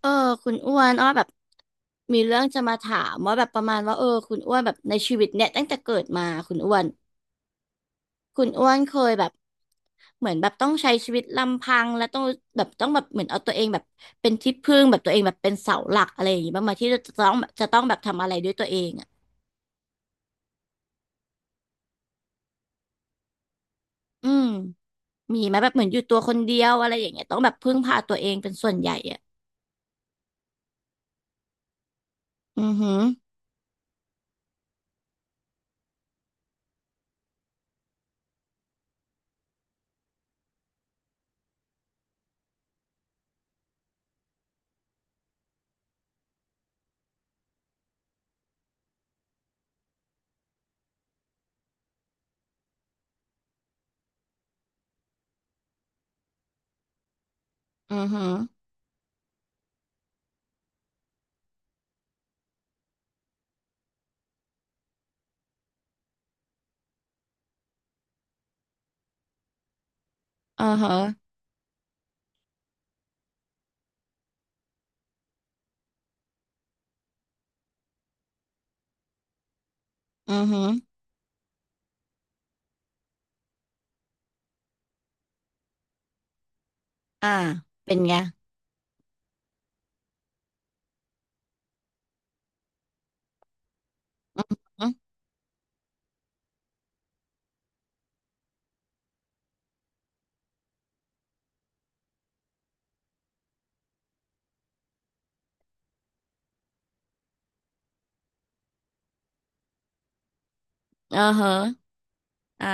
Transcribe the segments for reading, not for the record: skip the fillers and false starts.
เออคุณอ้วนอ้อแบบมีเรื่องจะมาถามว่าแบบประมาณว่าคุณอ้วนแบบในชีวิตเนี่ยตั้งแต่เกิดมาคุณอ้วนคุณอ้วนเคยแบบเหมือนแบบต้องใช้ชีวิตลำพังและต้องแบบต้องแบบเหมือนเอาตัวเองแบบเป็นที่พึ่งแบบตัวเองแบบเป็นเสาหลักอะไรอย่างงี้บ้างไหมที่จะต้องแบบทำอะไรด้วยตัวเองอ่ะอืมมีไหมแบบเหมือนอยู่ตัวคนเดียวอะไรอย่างเงี้ยต้องแบบพึ่งพาตัวเองเป็นส่วนใหญ่อ่ะอือหืออือหืออือหืออือหืออ่าเป็นไงอือหืออือหืออ่า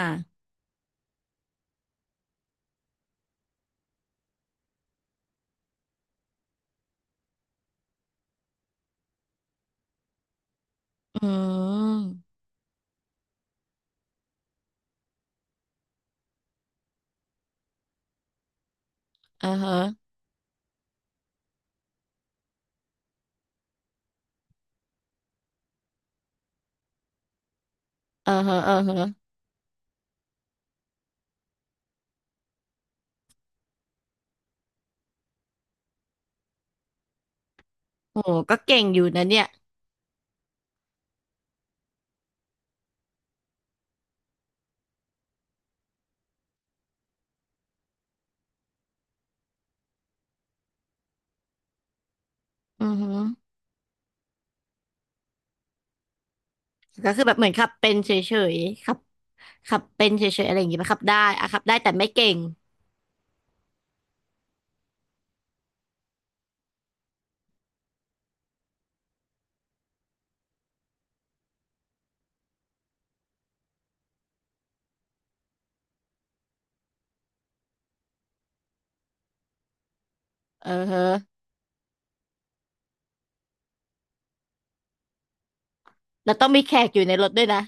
อืมอ่าฮะอ่าฮะอ่าฮะโอ้ก็เก่งอยู่นะเนี่ยอือฮึก็คือแบบเหมือนขับเป็นเฉยๆขับเป็นเฉยๆอะไรอย่างงี้ปะขับได้อะขับได้แต่ไม่เก่งเออฮะแล้วต้องมีแขกอยู่ในรถด้วยนะ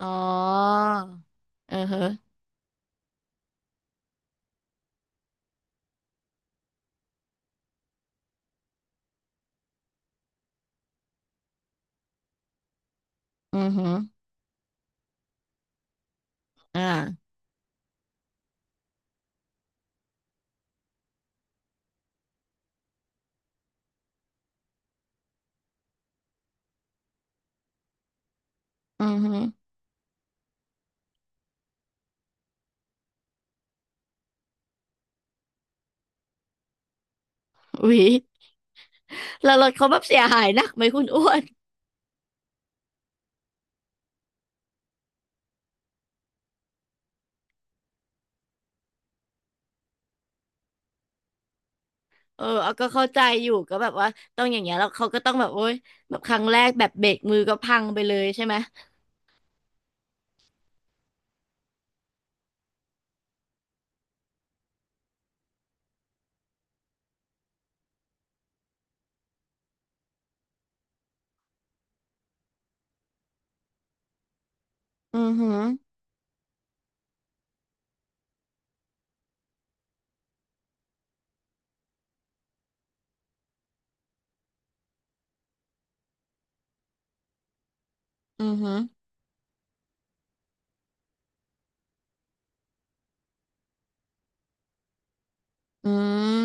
อ๋อเออฮะอือฮึอ่าอือฮึอุ๊ยแล้วรถเขาแบบเสียหายหนักไหมคุณอ้วนเออเอาก็เข้าใจอยู่ก็แบบว่าต้องอย่างเงี้ยแล้วเขาก็ต้องแบบโอ๊ยแบบครั้งแรกแบบเบรกมือก็พังไปเลยใช่ไหมอือฮึอือฮึ อืม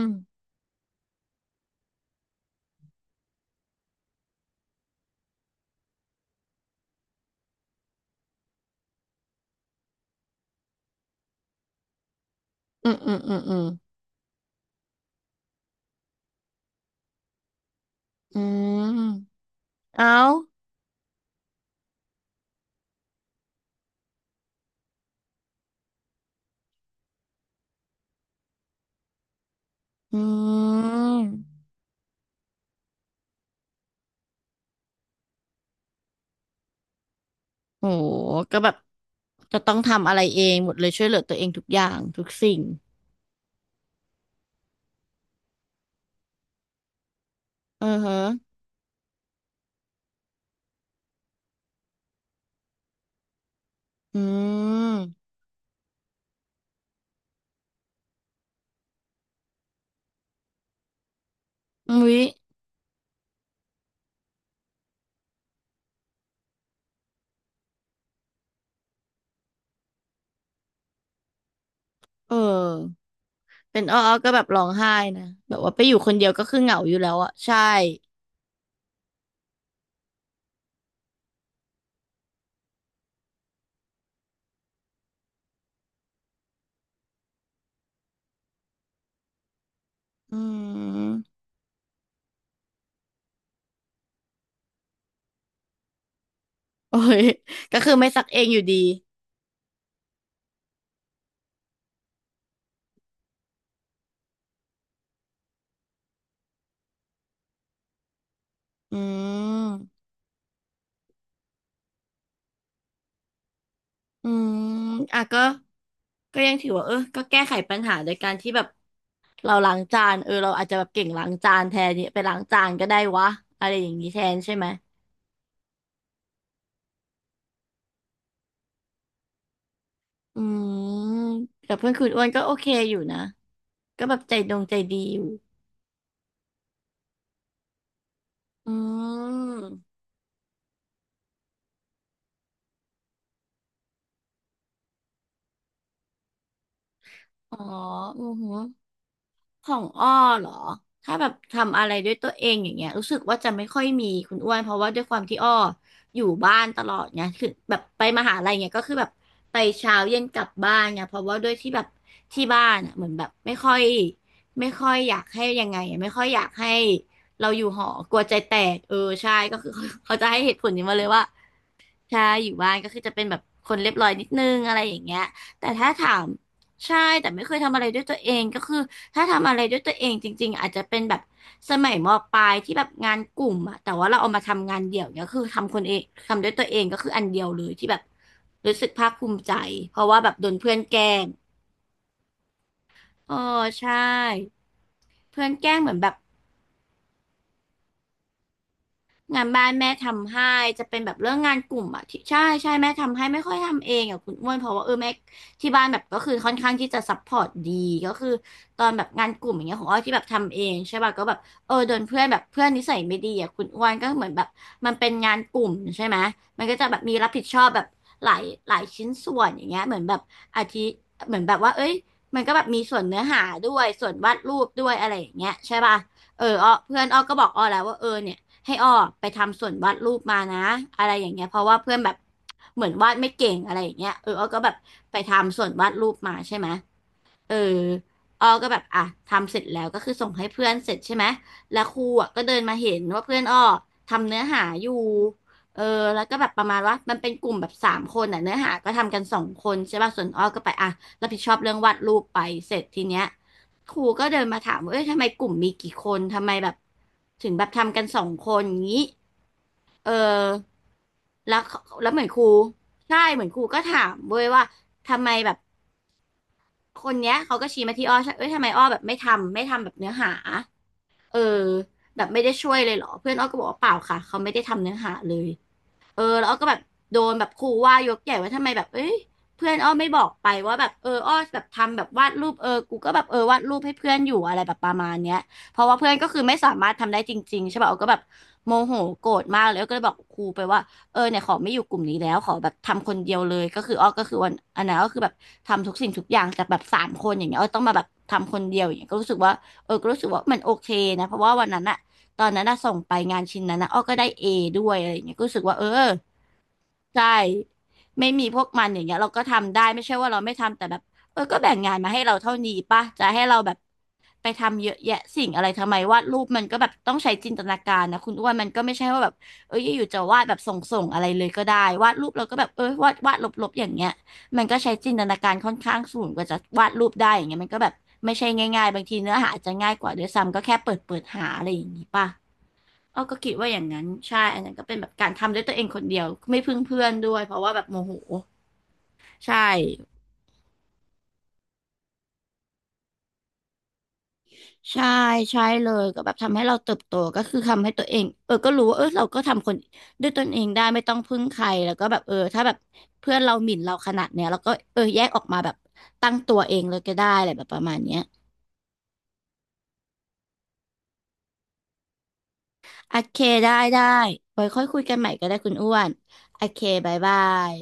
อืมอืมอืมอืมอืมเอาอืมโหก็แบบจะต้องทำอะไรเองหมดเลยช่วยเหลือตัวเองทุกอย่างทุกสิ่งเออฮะอืมอุ๊ยเออเป็นอ้อๆก็แบบร้องไห้นะแบบว่าไปอยู่คนเดียวก็คือเหงาอยู่แล้วอะใช่อืม โอ้ยก็คือไม่ซักเองอยู่ดีอืมอืมอ่ะก็ ก็ยังถือว่าเออก็แก้ไขปัญหาโดยการที่แบบเราล้างจานเออเราอาจจะแบบเก่งล้างจานแทนเนี่ยไปล้างจานก็ได้วะอะไรอย่างนี้แทนใช่ไหม อืมกับเพื่อนคุณอ้วนก็โอเคอยู่นะ ก็แบบใจดงใจดีอยู่ อืม อ๋ออือหือ ของอ้อเหรอถ้าแบบทำอะไรด้วยตัวเองอย่างเงี้ยรู้สึกว่าจะไม่ค่อยมีคุณอ้วนเพราะว่าด้วยความที่อ้ออยู่บ้านตลอดไงคือแบบไปมหาลัยเงี้ยก็คือแบบไปเช้าเย็นกลับบ้านไงเพราะว่าด้วยที่แบบที่บ้านอะเหมือนแบบไม่ค่อยอยากให้ยังไงอะไม่ค่อยอยากให้เราอยู่หอกลัวใจแตกเออใช่ก็คือ เขาจะให้เหตุผลนี้มาเลยว่า ใช่อยู่บ้านก็คือจะเป็นแบบคนเรียบร้อยนิดนึงอะไรอย่างเงี้ยแต่ถ้าถามใช่แต่ไม่เคยทำอะไรด้วยตัวเองก็คือถ้าทำอะไรด้วยตัวเองจริงๆอาจจะเป็นแบบสมัยมปลายที่แบบงานกลุ่มอะแต่ว่าเราเอามาทำงานเดี่ยวเนี่ยคือทำคนเองทำด้วยตัวเองก็คืออันเดียวเลยที่แบบรู้สึกภาคภูมิใจเพราะว่าแบบโดนเพื่อนแกล้งอ๋อใช่เพื่อนแกล้งเหมือนแบบ งานบ้านแม่ทำให้จะเป็นแบบเรื่องงานกลุ่มอ่ะที่ใช่แม่ทำให้ไม่ค่อยทำเองอ่ะคุณอ้วนเพราะว่าเออแม่ที่บ้านแบบก็คือค่อนข้างที่จะซัพพอร์ตดีก็คือตอนแบบงานกลุ่มอย่างเงี้ยของอ้อยที่แบบทำเองใช่ป่ะก็แบบเออโดนเพื่อนแบบเพื่อนนิสัยไม่ดีอ่ะคุณอ้วนก็เหมือนแบบมันเป็นงานกลุ่มใช่ไหมมันก็จะแบบมีรับผิดชอบแบบหลายชิ้นส่วนอย่างเงี้ยเหมือนแบบอาทิเหมือนแบบว่าเอ้ยมันก็แบบมีส่วนเนื้อหาด้วยส่วนวาดรูปด้วยอะไรอย่างเงี้ยใช่ป่ะเออเพื่อนอ้อก็บอกอ้อแล้วว่าเออเนี่ย ให้อ้อไปทำส่วนวาดรูปมานะอะไรอย่างเงี้ยเพราะว่าเพื่อนแบบเหมือนวาดไม่เก่งอะไรอย่างเงี้ยเอออ้อก็แบบไปทำส่วนวาดรูปมาใช่ไหม เอออ้อก็แบบอ่ะทำเสร็จแล้วก็คือส่งให้เพื่อนเสร็จใช่ไหมแล้วครูอ่ะก็เดินมาเห็นว่าเพื่อนอ้อทำเนื้อหาอยู่เออแล้วก็แบบประมาณว่ามันเป็นกลุ่มแบบสามคนอ่ะเนื้อหาก็ทำกันสองคนใช่ป่ะส่วนอ้อก็ไปอ่ะรับผิดชอบเรื่องวาดรูปไปเสร็จทีเนี้ยครูก็เดินมาถามว่าเอ้ยทำไมกลุ่มมีกี่คนทำไมแบบถึงแบบทำกันสองคนอย่างนี้เออแล้วแล้วเหมือนครูใช่เหมือนครูก็ถามเว้ยว่าทำไมแบบ คนเนี้ยเขาก็ชี้มาที่อ้อใช่เอ้ยทำไมอ้อแบบไม่ทำแบบเนื้อหา เออแบบไม่ได้ช่วยเลยเหรอเพื่อนอ้อก็บอกว่าเปล่าค่ะเขาไม่ได้ทำเนื้อหาเลย เออแล้วอ้อก็แบบโดนแบบครูว่ายกใหญ่ว่าทำไมแบบเอ้ยเพื่อนอ้อไม่บอกไปว่าแบบอ้อแบบทำแบบวาดรูปกูก็แบบวาดรูปให้เพื่อนอยู่อะไรแบบประมาณเนี้ยเพราะว่าเพื่อนก็คือไม่สามารถทำได้จริงๆใช่ป่ะอ้อก็แบบโมโหโกรธมากเลยอ้อก็เลยบอกครูไปว่าเออเนี่ยขอไม่อยู่กลุ่มนี้แล้วขอแบบทำคนเดียวเลยก็คืออ้อก็คือวันอันนั้นก็คือแบบทำทุกสิ่งทุกอย่างแต่แบบสามคนอย่างเงี้ยอ้อต้องมาแบบทำคนเดียวอย่างเงี้ยก็รู้สึกว่าเออก็รู้สึกว่ามันโอเคนะเพราะว่าวันนั้นอะ ตอนนั้นน่ะส่งไปงานชิ้นนั้นนะอ้อก็ได้เอด้วยอะไรอย่างเงี้ยก็รู้สึกว่าเออใช่ไม่มีพวกมันอย่างเงี้ยเราก็ทำได้ไม่ใช่ว่าเราไม่ทำแต่แบบก็แบ่งงานมาให้เราเท่านี้ป่ะจะให้เราแบบไปทำเยอะแยะสิ่งอะไรทำไมวาดรูปมันก็แบบต้องใช้จินตนาการนะคุณอ้วนมันก็ไม่ใช่ว่าแบบเอออยู่ๆจะวาดแบบส่งอะไรเลยก็ได้วาดรูปเราก็แบบเออวาดลบๆอย่างเงี้ยมันก็ใช้จินตนาการค่อนข้างสูงกว่าจะวาดรูปได้อย่างเงี้ยมันก็แบบไม่ใช่ง่ายๆบางทีเนื้อหาอาจจะง่ายกว่าด้วยซ้ำก็แค่เปิดหาอะไรอย่างงี้ป่ะ อ้อก็คิดว่าอย่างนั้นใช่อันนั้นก็เป็นแบบการทำด้วยตัวเองคนเดียวไม่พึ่งเพื่อนด้วยเพราะว่าแบบโมโหใช่ใช่ใช่เลยก็แบบทำให้เราเติบโตก็คือทำให้ตัวเองเออก็รู้ว่าเออเราก็ทำคนด้วยตนเองได้ไม่ต้องพึ่งใครแล้วก็แบบถ้าแบบเพื่อนเราหมิ่นเราขนาดเนี้ยเราก็เออแยกออกมาแบบตั้งตัวเองเลยก็ได้อะไรแบบประมาณเนี้ยโอเคได้ได้ไว้ค่อยคุยกันใหม่ก็ได้คุณอ้วนโอเคบายบาย